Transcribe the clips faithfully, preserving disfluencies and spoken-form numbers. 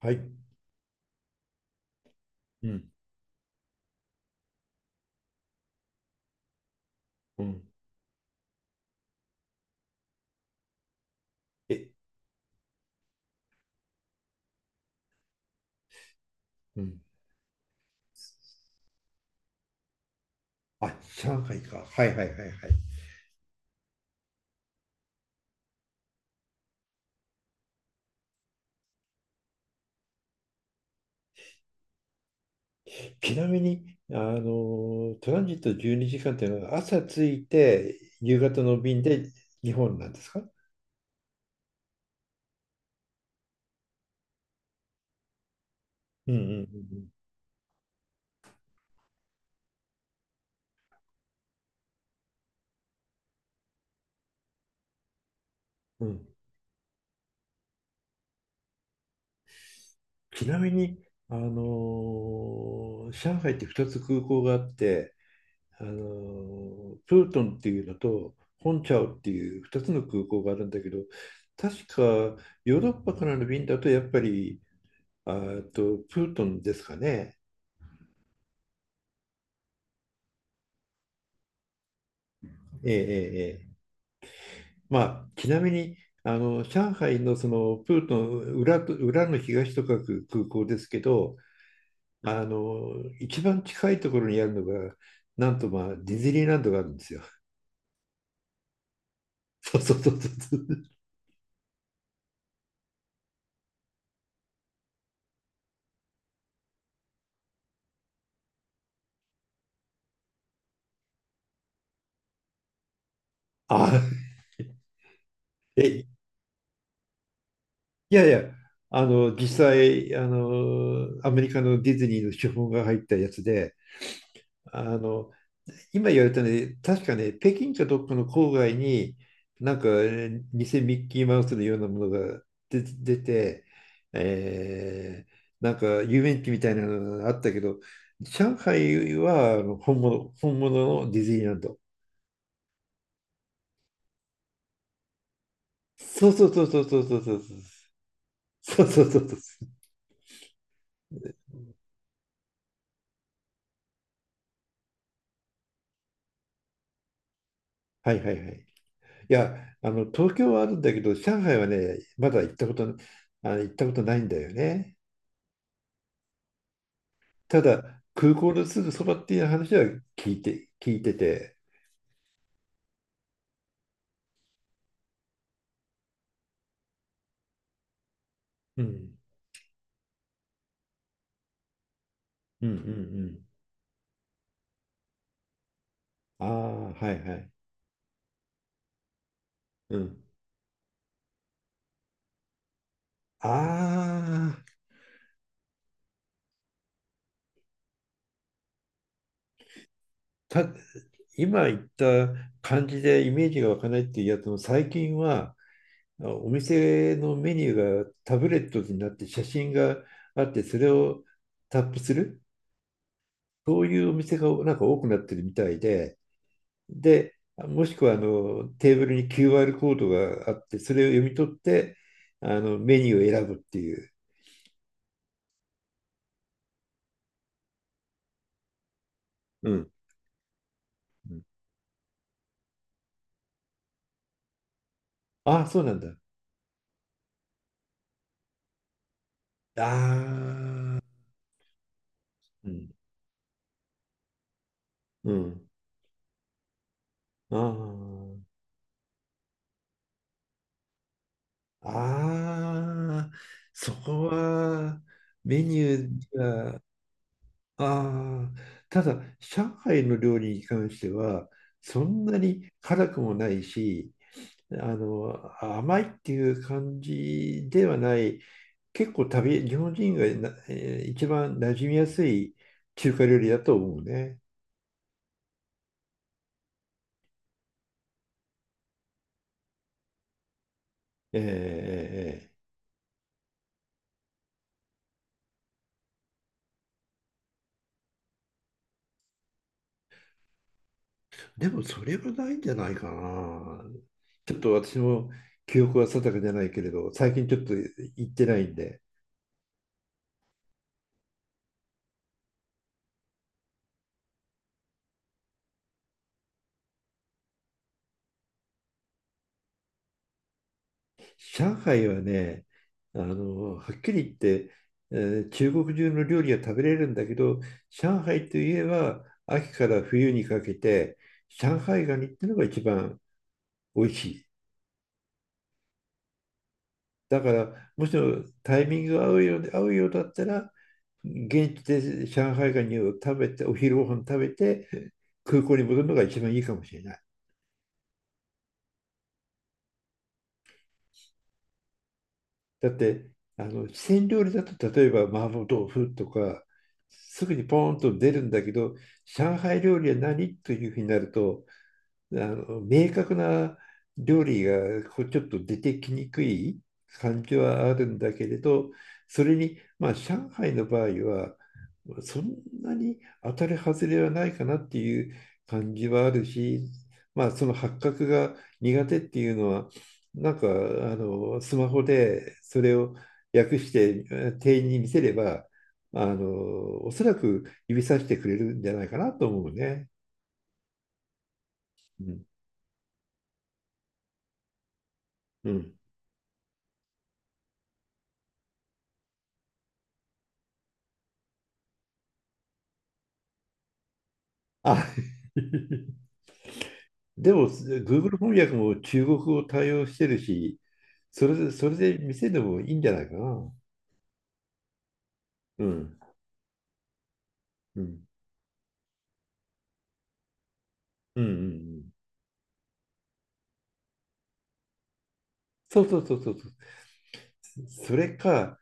はい。うん、うん、え、うん。あ、上海か。はいはいはいはい。ちなみに、あの、トランジットじゅうにじかんっていうのは朝着いて夕方の便で日本なんですか？うんうんうんうん。うん。ちなみに、あの、上海ってふたつ空港があって、あの、プートンっていうのと、本チャオっていうふたつの空港があるんだけど、確かヨーロッパからの便だとやっぱりあーと、プートンですかね。ええええええ。まあ、ちなみに、あの、上海のそのプートン裏と、裏の東と書く空港ですけど、あの、一番近いところにあるのが、なんとまあ、ディズニーランドがあるんですよ。そうそうそうそう。あ、え、いやいや、あの、実際、あの、アメリカのディズニーの資本が入ったやつで、あの、今言われたね、確かね、北京かどっかの郊外に、なんか、偽ミッキーマウスのようなものが出出て、えーなんか遊園地みたいなのがあったけど、上海はあの本物、本物のディズニーランド。そうそうそうそうそうそうそう。そうそうそうそう。はいはいはい。いや、あの、東京はあるんだけど、上海はね、まだ行ったこと、あの、行ったことないんだよね。ただ、空港のすぐそばっていう話は聞いて、聞いてて、うん。うんうんうん。ああ、はいはい。うん。ああ、た、今言った感じでイメージが湧かないっていうやつも、最近はあお店のメニューがタブレットになって写真があって、それをタップする、そういうお店がなんか多くなってるみたいで、で、もしくはあのテーブルに キューアール コードがあって、それを読み取って、あのメニューを選ぶっていう。うん。うん。ああ、そうなんだ。ああ、うん、うん。ああ、ああ、そこはメニュー、ああ、ただ、上海の料理に関しては、そんなに辛くもないし、あの、甘いっていう感じではない、結構、旅、日本人がな、えー一番馴染みやすい中華料理だと思うね。えーえーえーでもそれはないんじゃないかな。ちょっと私も記憶は定かじゃないけれど、最近ちょっと行ってないんで。上海はね、あの、はっきり言って、えー中国中の料理が食べれるんだけど、上海といえば秋から冬にかけて、上海ガニってのが一番美味しい。だから、もしもタイミングが合うようで、合うようだったら、現地で上海ガニを食べて、お昼ご飯食べて、空港に戻るのが一番いいかもしれない。だって、あの、四川料理だと、例えば麻婆豆腐とか、すぐにポーンと出るんだけど、上海料理は何というふうになると、あの明確な料理がこうちょっと出てきにくい感じはあるんだけれど、それに、まあ、上海の場合は、そんなに当たり外れはないかなっていう感じはあるし、まあ、その発覚が苦手っていうのは、なんかあのスマホでそれを訳して店員に見せれば、あのおそらく指さしてくれるんじゃないかなと思うね。うん、うん。あ、でも、Google 翻訳も中国語対応してるし、それで、それで見せてもいいんじゃないかな。うん。うん。うんうんうん。そうそうそうそうそう。それか、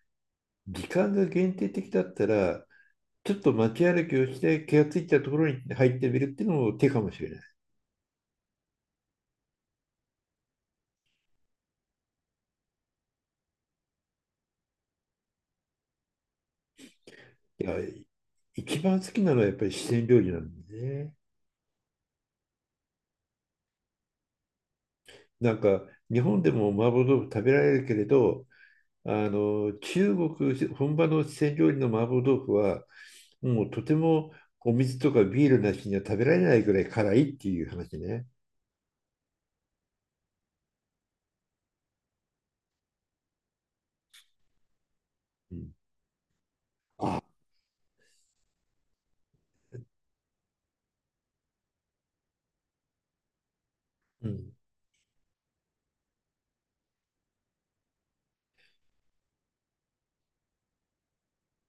時間が限定的だったら、ちょっと街歩きをして気がついたところに入ってみるっていうのも手かもしれない。いや、一番好きなのはやっぱり四川料理なんでね。なんか、日本でも麻婆豆腐食べられるけれど、あの中国本場の四川料理の麻婆豆腐はもうとても、お水とかビールなしには食べられないぐらい辛いっていう話ね。うん。あ、うん。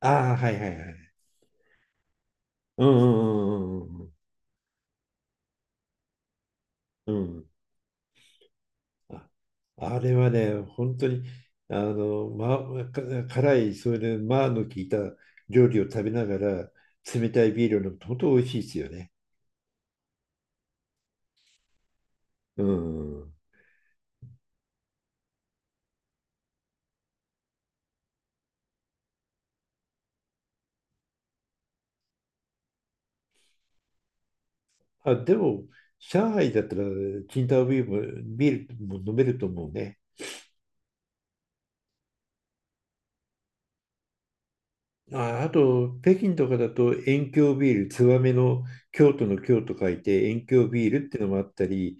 ああ、はいはいはい。うんうんうんうんうんうん。あ、あれはね、本当にあの、ま、か辛い、それで麻の効いた料理を食べながら冷たいビールを飲むと本当美味しいですよね。うん。あ、でも、上海だったら、チンタオビールも、ビールも飲めると思うね。あ、あと、北京とかだと、遠京ビール、ツバメの京都の京と書いて、遠京ビールっていうのもあったり、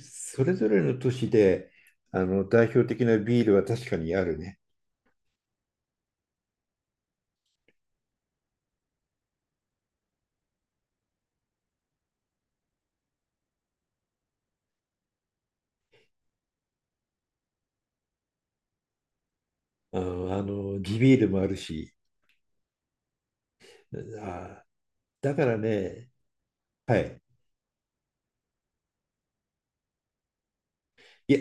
それぞれの都市で、あの、代表的なビールは確かにあるね。あの、あの地ビールもあるし。あ、だからね、はい。いや、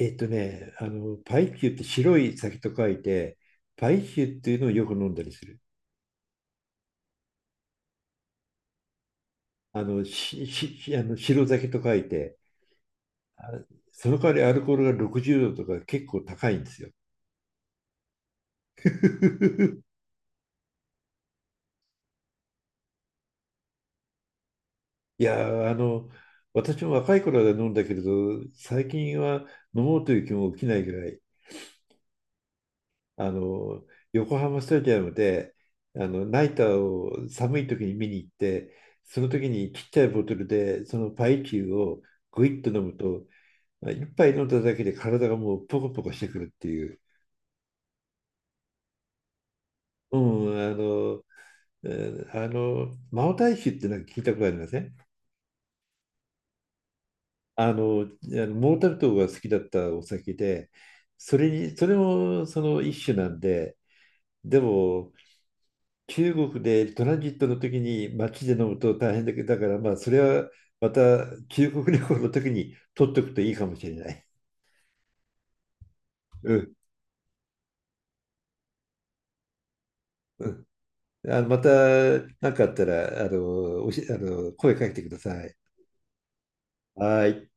えっとね、あの、パイキュって白い酒と書いて、パイキュっていうのをよく飲んだりする。あの、し、し、あの、白酒と書いて、その代わりアルコールがろくじゅうどとか結構高いんですよ。いやー、あの、私も若い頃は飲んだけれど、最近は飲もうという気も起きないぐらい、あの、横浜スタジアムで、あの、ナイターを寒い時に見に行って、その時にちっちゃいボトルで、そのパイチューをグイッと飲むと、一杯飲んだだけで体がもうポコポコしてくるっていう、うん、あの、えーあの、マオタイ酒ってなんか聞いたことありません？あの、あのモータルトが好きだったお酒で、それに、それもその一種なんで、でも、中国でトランジットの時に街で飲むと大変だけど、だからまあ、それはまた中国旅行の時に取っておくといいかもしれない。うん、うん。あのまた何かあったら、あの、おし、あの、声かけてください。はい。